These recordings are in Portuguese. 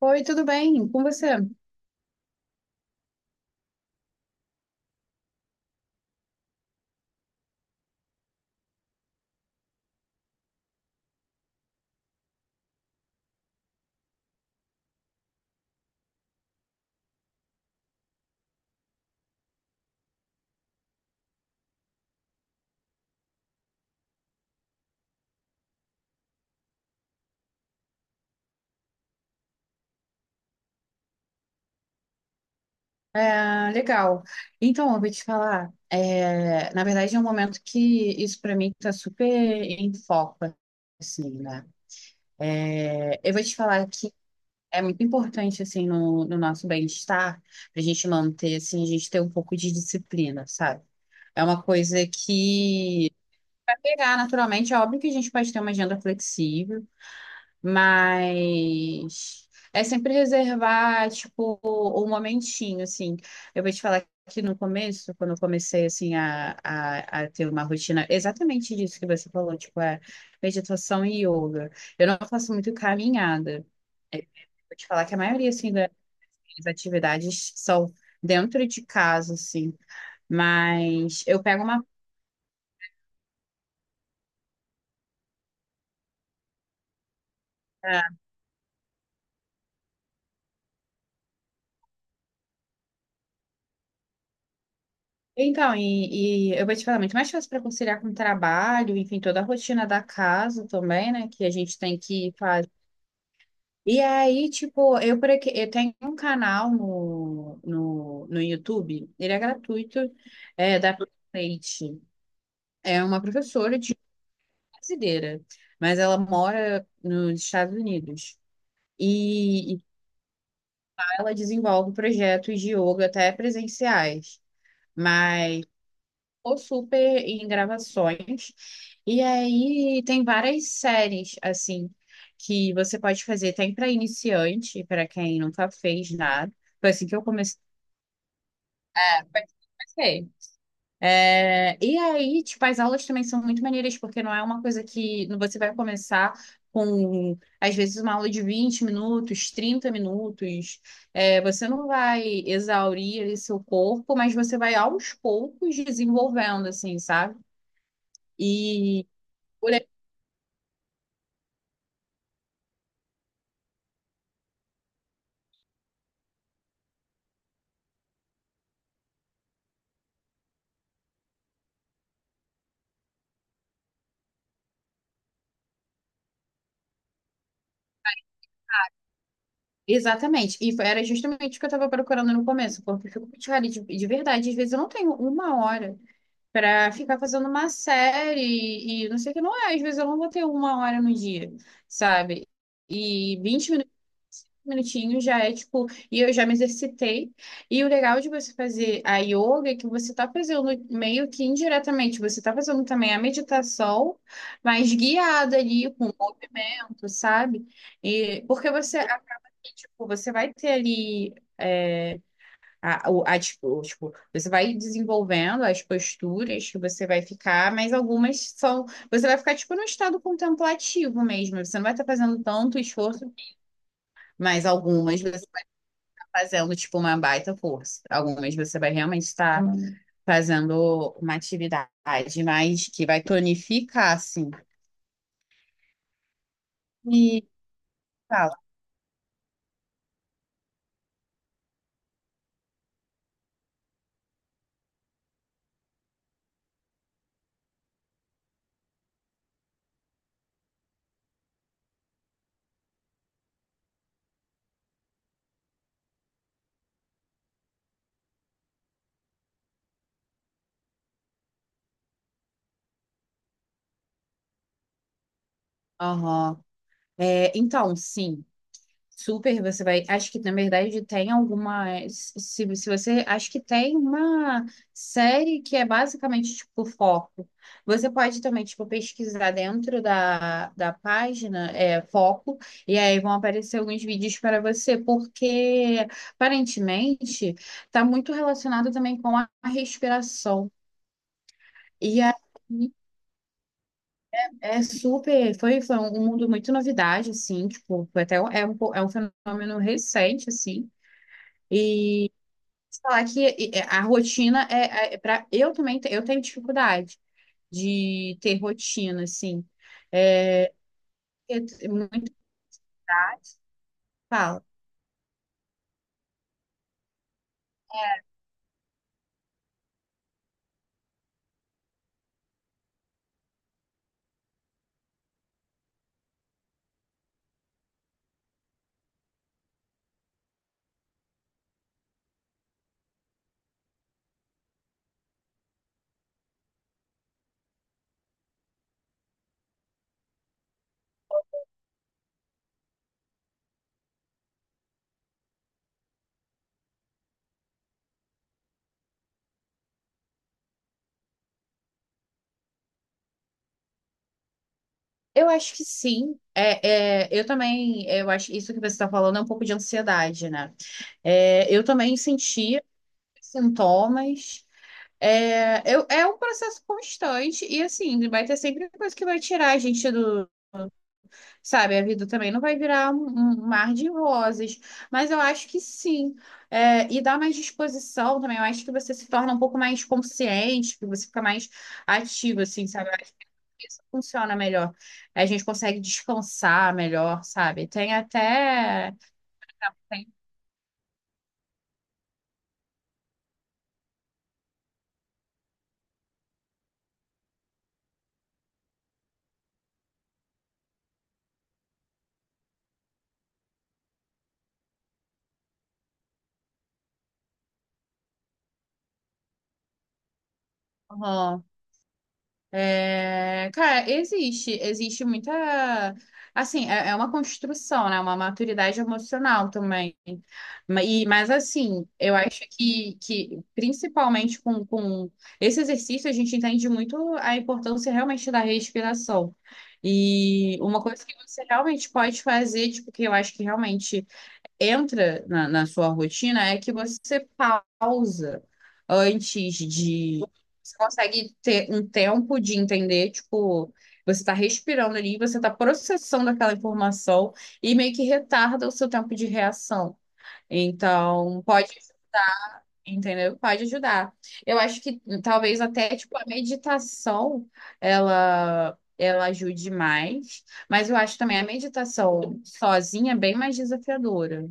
Oi, tudo bem? Com você? É, legal. Então, eu vou te falar. É, na verdade, é um momento que isso para mim está super em foco, assim, né? Eu vou te falar que é muito importante, assim, no nosso bem-estar, para a gente manter, assim, a gente ter um pouco de disciplina, sabe? É uma coisa que pegar naturalmente, é óbvio que a gente pode ter uma agenda flexível, mas é sempre reservar, tipo, um momentinho, assim. Eu vou te falar que no começo, quando eu comecei, assim, a ter uma rotina exatamente disso que você falou, tipo, meditação e yoga. Eu não faço muito caminhada. É, Vou te falar que a maioria, assim, das minhas atividades são dentro de casa, assim. Mas eu pego uma então, e eu vou te falar, muito mais fácil para conciliar com o trabalho, enfim, toda a rotina da casa também, né? Que a gente tem que fazer. E aí, tipo, eu por aqui, eu tenho um canal no YouTube, ele é gratuito, é da Leite. É uma professora de brasileira, mas ela mora nos Estados Unidos. E ela desenvolve projetos de yoga até presenciais. Mas ou super em gravações. E aí tem várias séries, assim, que você pode fazer. Tem para iniciante, para quem nunca fez nada. Foi assim que eu comecei. Foi assim que eu comecei. É, e aí, tipo, as aulas também são muito maneiras, porque não é uma coisa que você vai começar com, às vezes, uma aula de 20 minutos, 30 minutos. Você não vai exaurir ali seu corpo, mas você vai aos poucos desenvolvendo, assim, sabe? e Por aí- Exatamente. Era justamente o que eu estava procurando no começo, porque eu fico muito rara de verdade. Às vezes eu não tenho uma hora para ficar fazendo uma série e não sei o que não é. Às vezes eu não vou ter uma hora no dia, sabe? E 20 minu- Minutinhos já é tipo, e eu já me exercitei. E o legal de você fazer a yoga é que você está fazendo meio que indiretamente, você está fazendo também a meditação, mas guiada ali com movimento, sabe? E porque você tipo, você vai ter ali é, a, o- a dis- o- tipo, você vai desenvolvendo as posturas que você vai ficar, mas algumas são, você vai ficar tipo no estado contemplativo mesmo, você não vai estar fazendo tanto esforço, mas algumas você está fazendo tipo uma baita força, algumas você vai realmente estar fazendo uma atividade mais que vai tonificar assim. E fala, aham. É, então, sim. Super, você vai. Acho que, na verdade, tem alguma Se, se você. Acho que tem uma série que é basicamente, tipo, foco. Você pode também, tipo, pesquisar dentro da página, é, foco, e aí vão aparecer alguns vídeos para você, porque, aparentemente, está muito relacionado também com a respiração. E aí. É super, foi um mundo muito novidade, assim, tipo, foi até um- é um, po- é um fenômeno recente, assim, e te falar que a rotina é para eu também eu tenho dificuldade de ter rotina assim. É, eu t- muito fala. Eu acho que sim. Eu também, eu acho que isso que você está falando é um pouco de ansiedade, né? É, eu também sentia sintomas. É um processo constante e assim, vai ter sempre coisa que vai tirar a gente sabe, a vida também não vai virar um mar de rosas, mas eu acho que sim. É, e dá mais disposição também. Eu acho que você se torna um pouco mais consciente, que você fica mais ativo, assim, sabe? Eu acho que isso funciona melhor. A gente consegue descansar melhor, sabe? Tem até. Tem, aham. É, cara, existe muita, assim, é uma construção, né? Uma maturidade emocional também. Mas assim, que principalmente com esse exercício a gente entende muito a importância realmente da respiração. E uma coisa que você realmente pode fazer, tipo, que eu acho que realmente entra na sua rotina é que você pausa antes de. Você consegue ter um tempo de entender, tipo, você está respirando ali, você está processando aquela informação e meio que retarda o seu tempo de reação. Então, pode, entendeu? Pode ajudar. Eu acho que talvez até, tipo, a meditação, Ela ajude mais, mas eu acho também a meditação sozinha é bem mais desafiadora.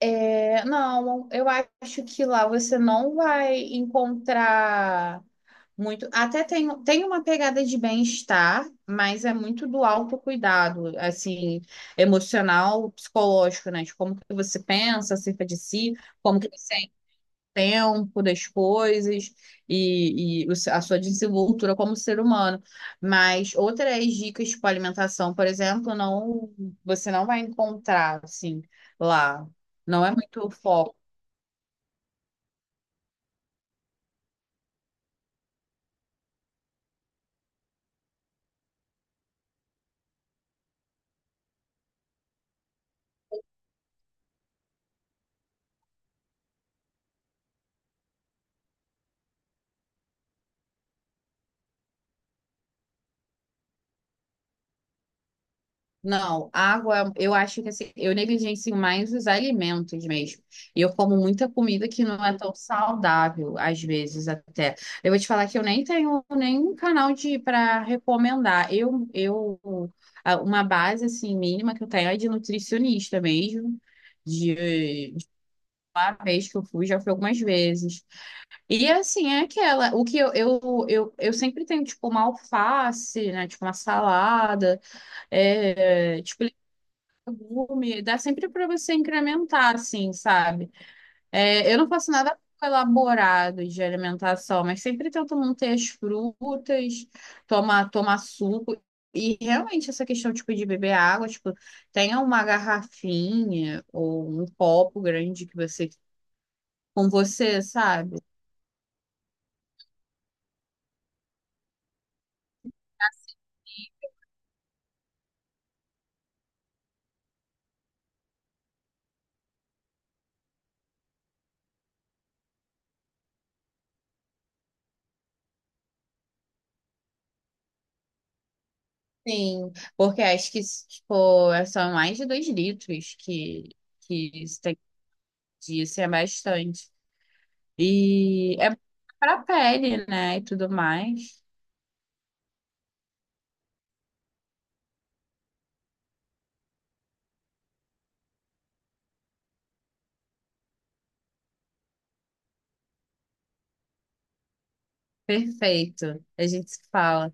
É, não, eu acho que lá você não vai encontrar muito. Até tem, tem uma pegada de bem-estar, mas é muito do autocuidado, assim, emocional, psicológico, né? De como que você pensa acerca de si, como que você tempo das coisas e o se- a sua desenvoltura como ser humano. Mas outras dicas para alimentação, por exemplo, não você não vai encontrar assim lá. Não é muito o foco. Não, água, eu acho que assim, eu negligencio mais os alimentos mesmo. E eu como muita comida que não é tão saudável, às vezes até. Eu vou te falar que eu nem tenho nenhum canal de para recomendar. Uma base assim mínima que eu tenho é de nutricionista mesmo. De uma vez que eu fui, já fui algumas vezes. E assim, é aquela, o que eu sempre tenho, tipo, uma alface, né? Tipo, uma salada. É, tipo, legume, dá sempre para você incrementar, assim, sabe? É, eu não faço nada elaborado de alimentação, mas sempre tento manter as frutas, tomar suco. E realmente essa questão, tipo, de beber água, tipo, tenha uma garrafinha ou um copo grande que você, com você, sabe? Sim, porque acho que, tipo, são mais de 2 litros que isso tem dia, isso é bastante. E é para pele, né? E tudo mais. Perfeito. A gente se fala.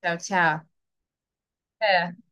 Tchau, tchau. É.